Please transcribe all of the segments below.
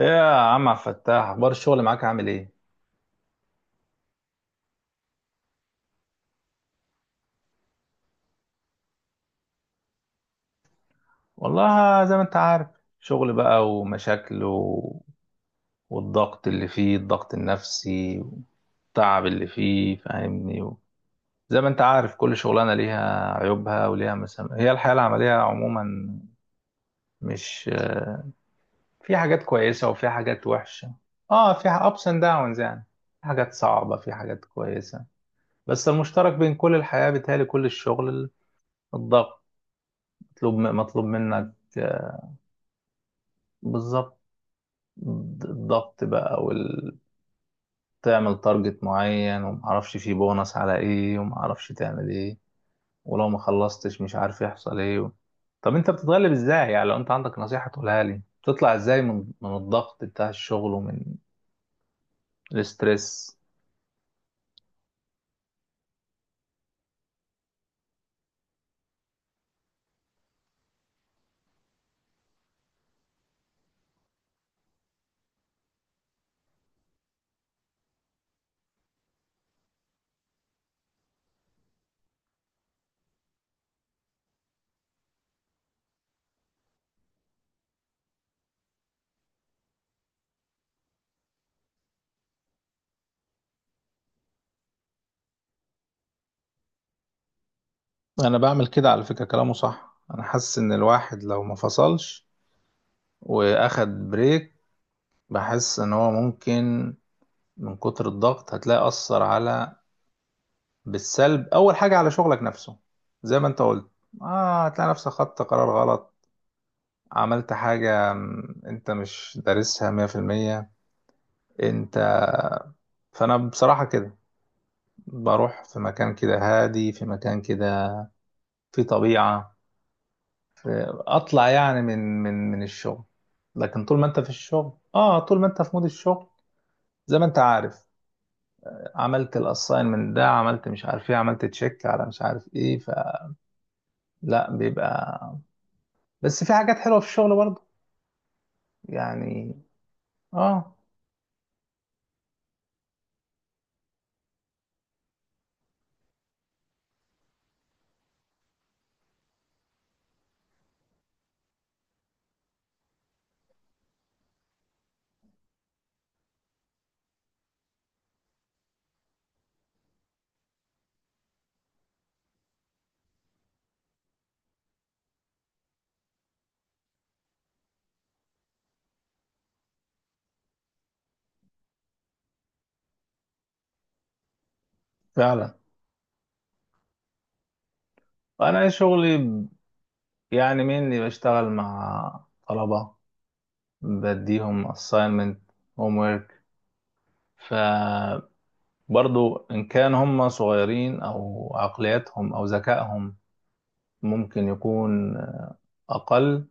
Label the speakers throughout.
Speaker 1: ايه يا عم عبد الفتاح، اخبار الشغل معاك؟ عامل ايه؟ والله زي ما انت عارف، شغل بقى ومشاكل والضغط اللي فيه، الضغط النفسي والتعب اللي فيه فاهمني. زي ما انت عارف، كل شغلانه ليها عيوبها وليها مسام، هي الحياه العمليه عموما. مش في حاجات كويسه وفي حاجات وحشه. اه، في ابس اند داونز يعني. في حاجات صعبه، في حاجات كويسه. بس المشترك بين كل الحياه بيتهيألي كل الشغل الضغط. مطلوب منك، بالظبط. الضغط بقى تعمل تارجت معين ومعرفش فيه بونص على ايه ومعرفش تعمل ايه، ولو ما خلصتش مش عارف يحصل ايه. طب انت بتتغلب ازاي؟ يعني لو انت عندك نصيحة تقولها لي، بتطلع ازاي من الضغط بتاع الشغل ومن الاسترس؟ انا بعمل كده، على فكرة كلامه صح. انا حاسس ان الواحد لو ما فصلش واخد بريك، بحس ان هو ممكن من كتر الضغط هتلاقي اثر على بالسلب، اول حاجه على شغلك نفسه. زي ما انت قلت، اه، هتلاقي نفسك خدت قرار غلط، عملت حاجه انت مش دارسها 100%. انت، فانا بصراحه كده بروح في مكان كده هادي، في مكان كده، في طبيعه، في اطلع يعني من الشغل. لكن طول ما انت في الشغل، اه، طول ما انت في مود الشغل، زي ما انت عارف، عملت الاساين من ده، عملت مش عارف ايه، عملت تشيك على مش عارف ايه، فلا بيبقى. بس في حاجات حلوه في الشغل يعني. اه، فعلا. انا شغلي يعني مني بشتغل مع طلبة، بديهم assignment, homework. فبرضو ان كان هم صغيرين او عقلياتهم او ذكائهم ممكن يكون اقل.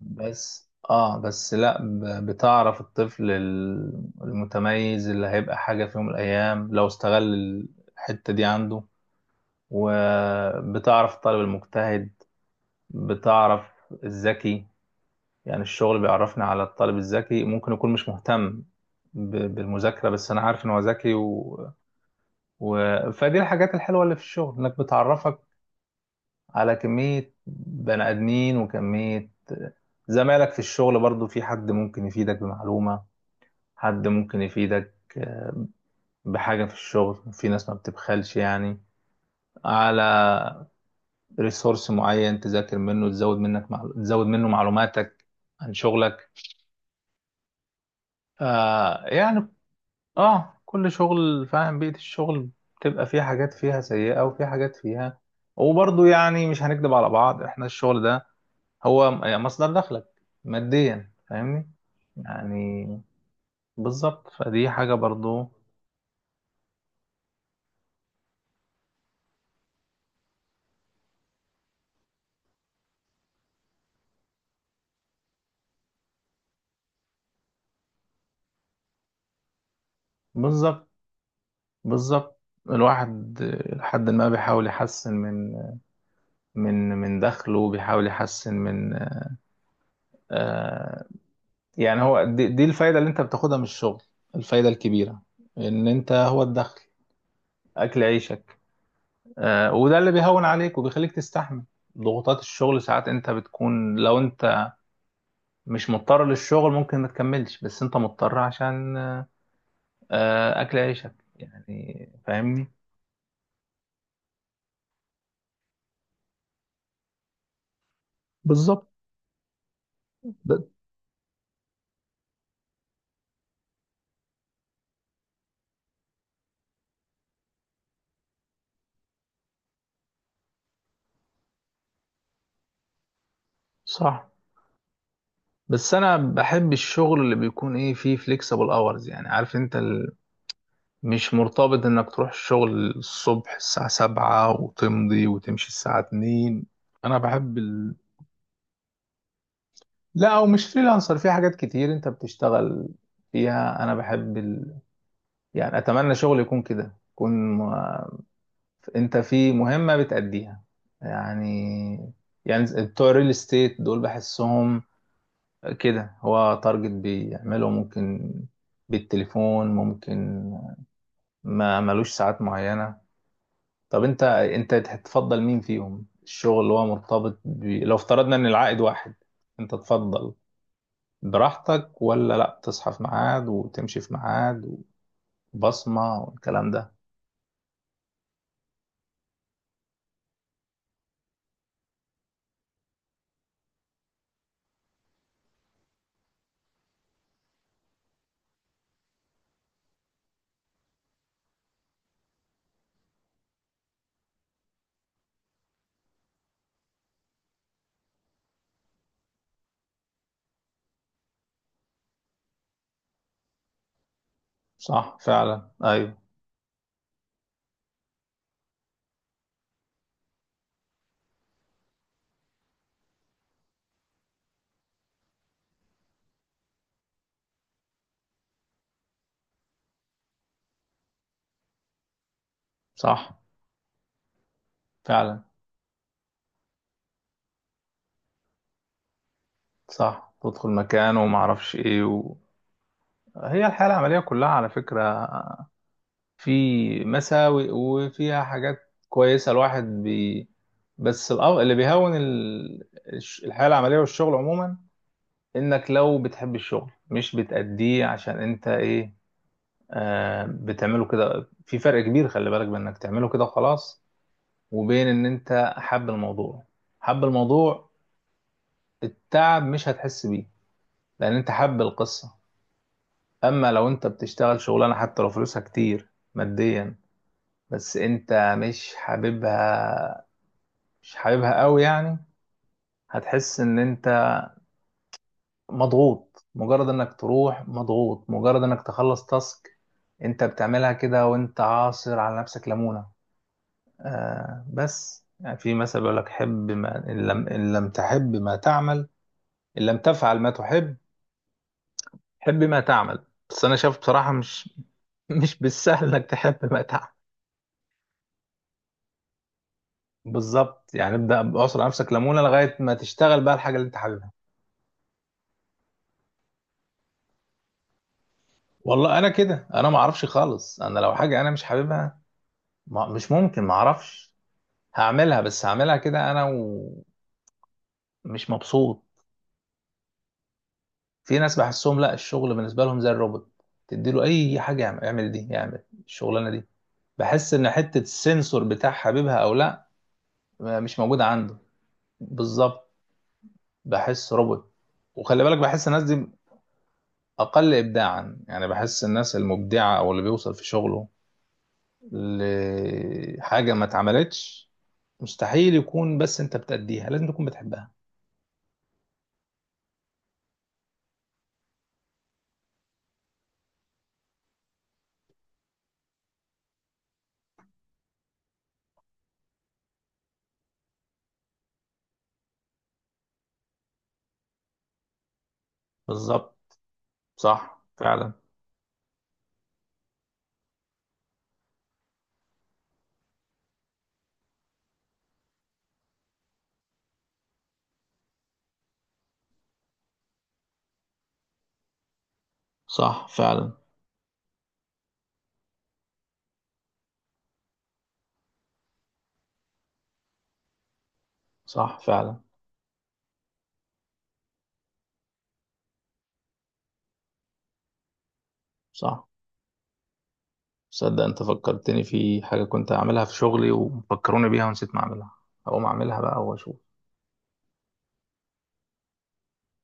Speaker 1: بس اه، بس لا، بتعرف الطفل المتميز اللي هيبقى حاجة في يوم من الايام لو استغل الحتة دي عنده. وبتعرف الطالب المجتهد، بتعرف الذكي. يعني الشغل بيعرفني على الطالب الذكي ممكن يكون مش مهتم بالمذاكرة، بس أنا عارف إن هو ذكي. و... فدي الحاجات الحلوة اللي في الشغل، إنك بتعرفك على كمية بني آدمين وكمية زمايلك في الشغل. برضو في حد ممكن يفيدك بمعلومة، حد ممكن يفيدك، آه، بحاجة في الشغل. في ناس ما بتبخلش يعني على ريسورس معين تذاكر منه، تزود منك تزود منه معلوماتك عن شغلك. آه، يعني اه، كل شغل فاهم بيئة الشغل بتبقى فيه حاجات فيها سيئة وفي حاجات فيها. وبرضه يعني مش هنكدب على بعض، احنا الشغل ده هو يعني مصدر دخلك ماديا، فاهمني؟ يعني بالظبط، فدي حاجة برضه. بالظبط. بالظبط. الواحد، آه، لحد ما بيحاول يحسن من دخله، بيحاول يحسن من، آه، يعني هو دي الفايدة اللي انت بتاخدها من الشغل، الفايدة الكبيرة ان انت هو الدخل، اكل عيشك. آه، وده اللي بيهون عليك وبيخليك تستحمل ضغوطات الشغل. ساعات انت بتكون، لو انت مش مضطر للشغل ممكن ما تكملش، بس انت مضطر عشان، آه، اكل عيشك يعني فاهمني. بالظبط. ب- صح. بس انا بحب الشغل اللي بيكون ايه فيه فليكسبل اورز، يعني عارف انت مش مرتبط انك تروح الشغل الصبح الساعة سبعة وتمضي وتمشي الساعة اتنين. انا بحب، لا او مش فريلانسر، في حاجات كتير انت بتشتغل فيها، انا بحب يعني اتمنى شغل يكون كده، يكون م- انت في مهمة بتأديها يعني. يعني بتوع الريل استيت دول بحسهم كده، هو تارجت بيعمله، ممكن بالتليفون، ممكن، ما ملوش ساعات معينة. طب انت تفضل مين فيهم؟ الشغل اللي هو مرتبط ب... لو افترضنا ان العائد واحد، انت تفضل براحتك ولا لا، تصحى في ميعاد وتمشي في ميعاد وبصمة والكلام ده؟ صح فعلا، ايوه. صح فعلا. صح تدخل مكان وما اعرفش ايه. هي الحياة العملية كلها، على فكرة، في مساوئ وفيها حاجات كويسة. الواحد بس اللي بيهون الحياة العملية والشغل عموما، انك لو بتحب الشغل مش بتأديه عشان انت ايه، آه، بتعمله كده، في فرق كبير، خلي بالك، بانك تعمله كده خلاص، وبين ان انت حب الموضوع. حب الموضوع، التعب مش هتحس بيه، لان انت حب القصة. اما لو انت بتشتغل شغلانة حتى لو فلوسها كتير ماديا، بس انت مش حاببها، مش حاببها قوي يعني، هتحس ان انت مضغوط، مجرد انك تروح مضغوط، مجرد انك تخلص تاسك انت بتعملها كده وانت عاصر على نفسك ليمونة. آه، بس يعني في مثل بيقول لك: حب ما ان لم, إن لم تحب ما تعمل. إن لم تفعل ما تحب، حب ما تعمل. بس انا شايف بصراحه، مش، مش بالسهل انك تحب ما تعمل. بالظبط، يعني ابدا بعصر نفسك ليمونه لغايه ما تشتغل بقى الحاجه اللي انت حاببها. والله انا كده، انا ما اعرفش خالص، انا لو حاجه انا مش حاببها ما مش ممكن، ما اعرفش، هعملها بس هعملها كده انا، ومش مبسوط. في ناس بحسهم لا، الشغل بالنسبه لهم زي الروبوت، تديله اي حاجه يعمل، اعمل دي، يعمل الشغلانه دي، بحس ان حته السنسور بتاع حاببها او لا مش موجوده عنده. بالظبط. بحس روبوت. وخلي بالك، بحس الناس دي اقل ابداعا يعني. بحس الناس المبدعه او اللي بيوصل في شغله لحاجه ما اتعملتش، مستحيل يكون بس انت بتأديها، لازم تكون بتحبها. بالظبط. صح فعلا. صح فعلا. صح فعلا. صح. صدق، انت فكرتني في حاجه كنت اعملها في شغلي وفكروني بيها ونسيت ما اعملها، هقوم اعملها بقى واشوف.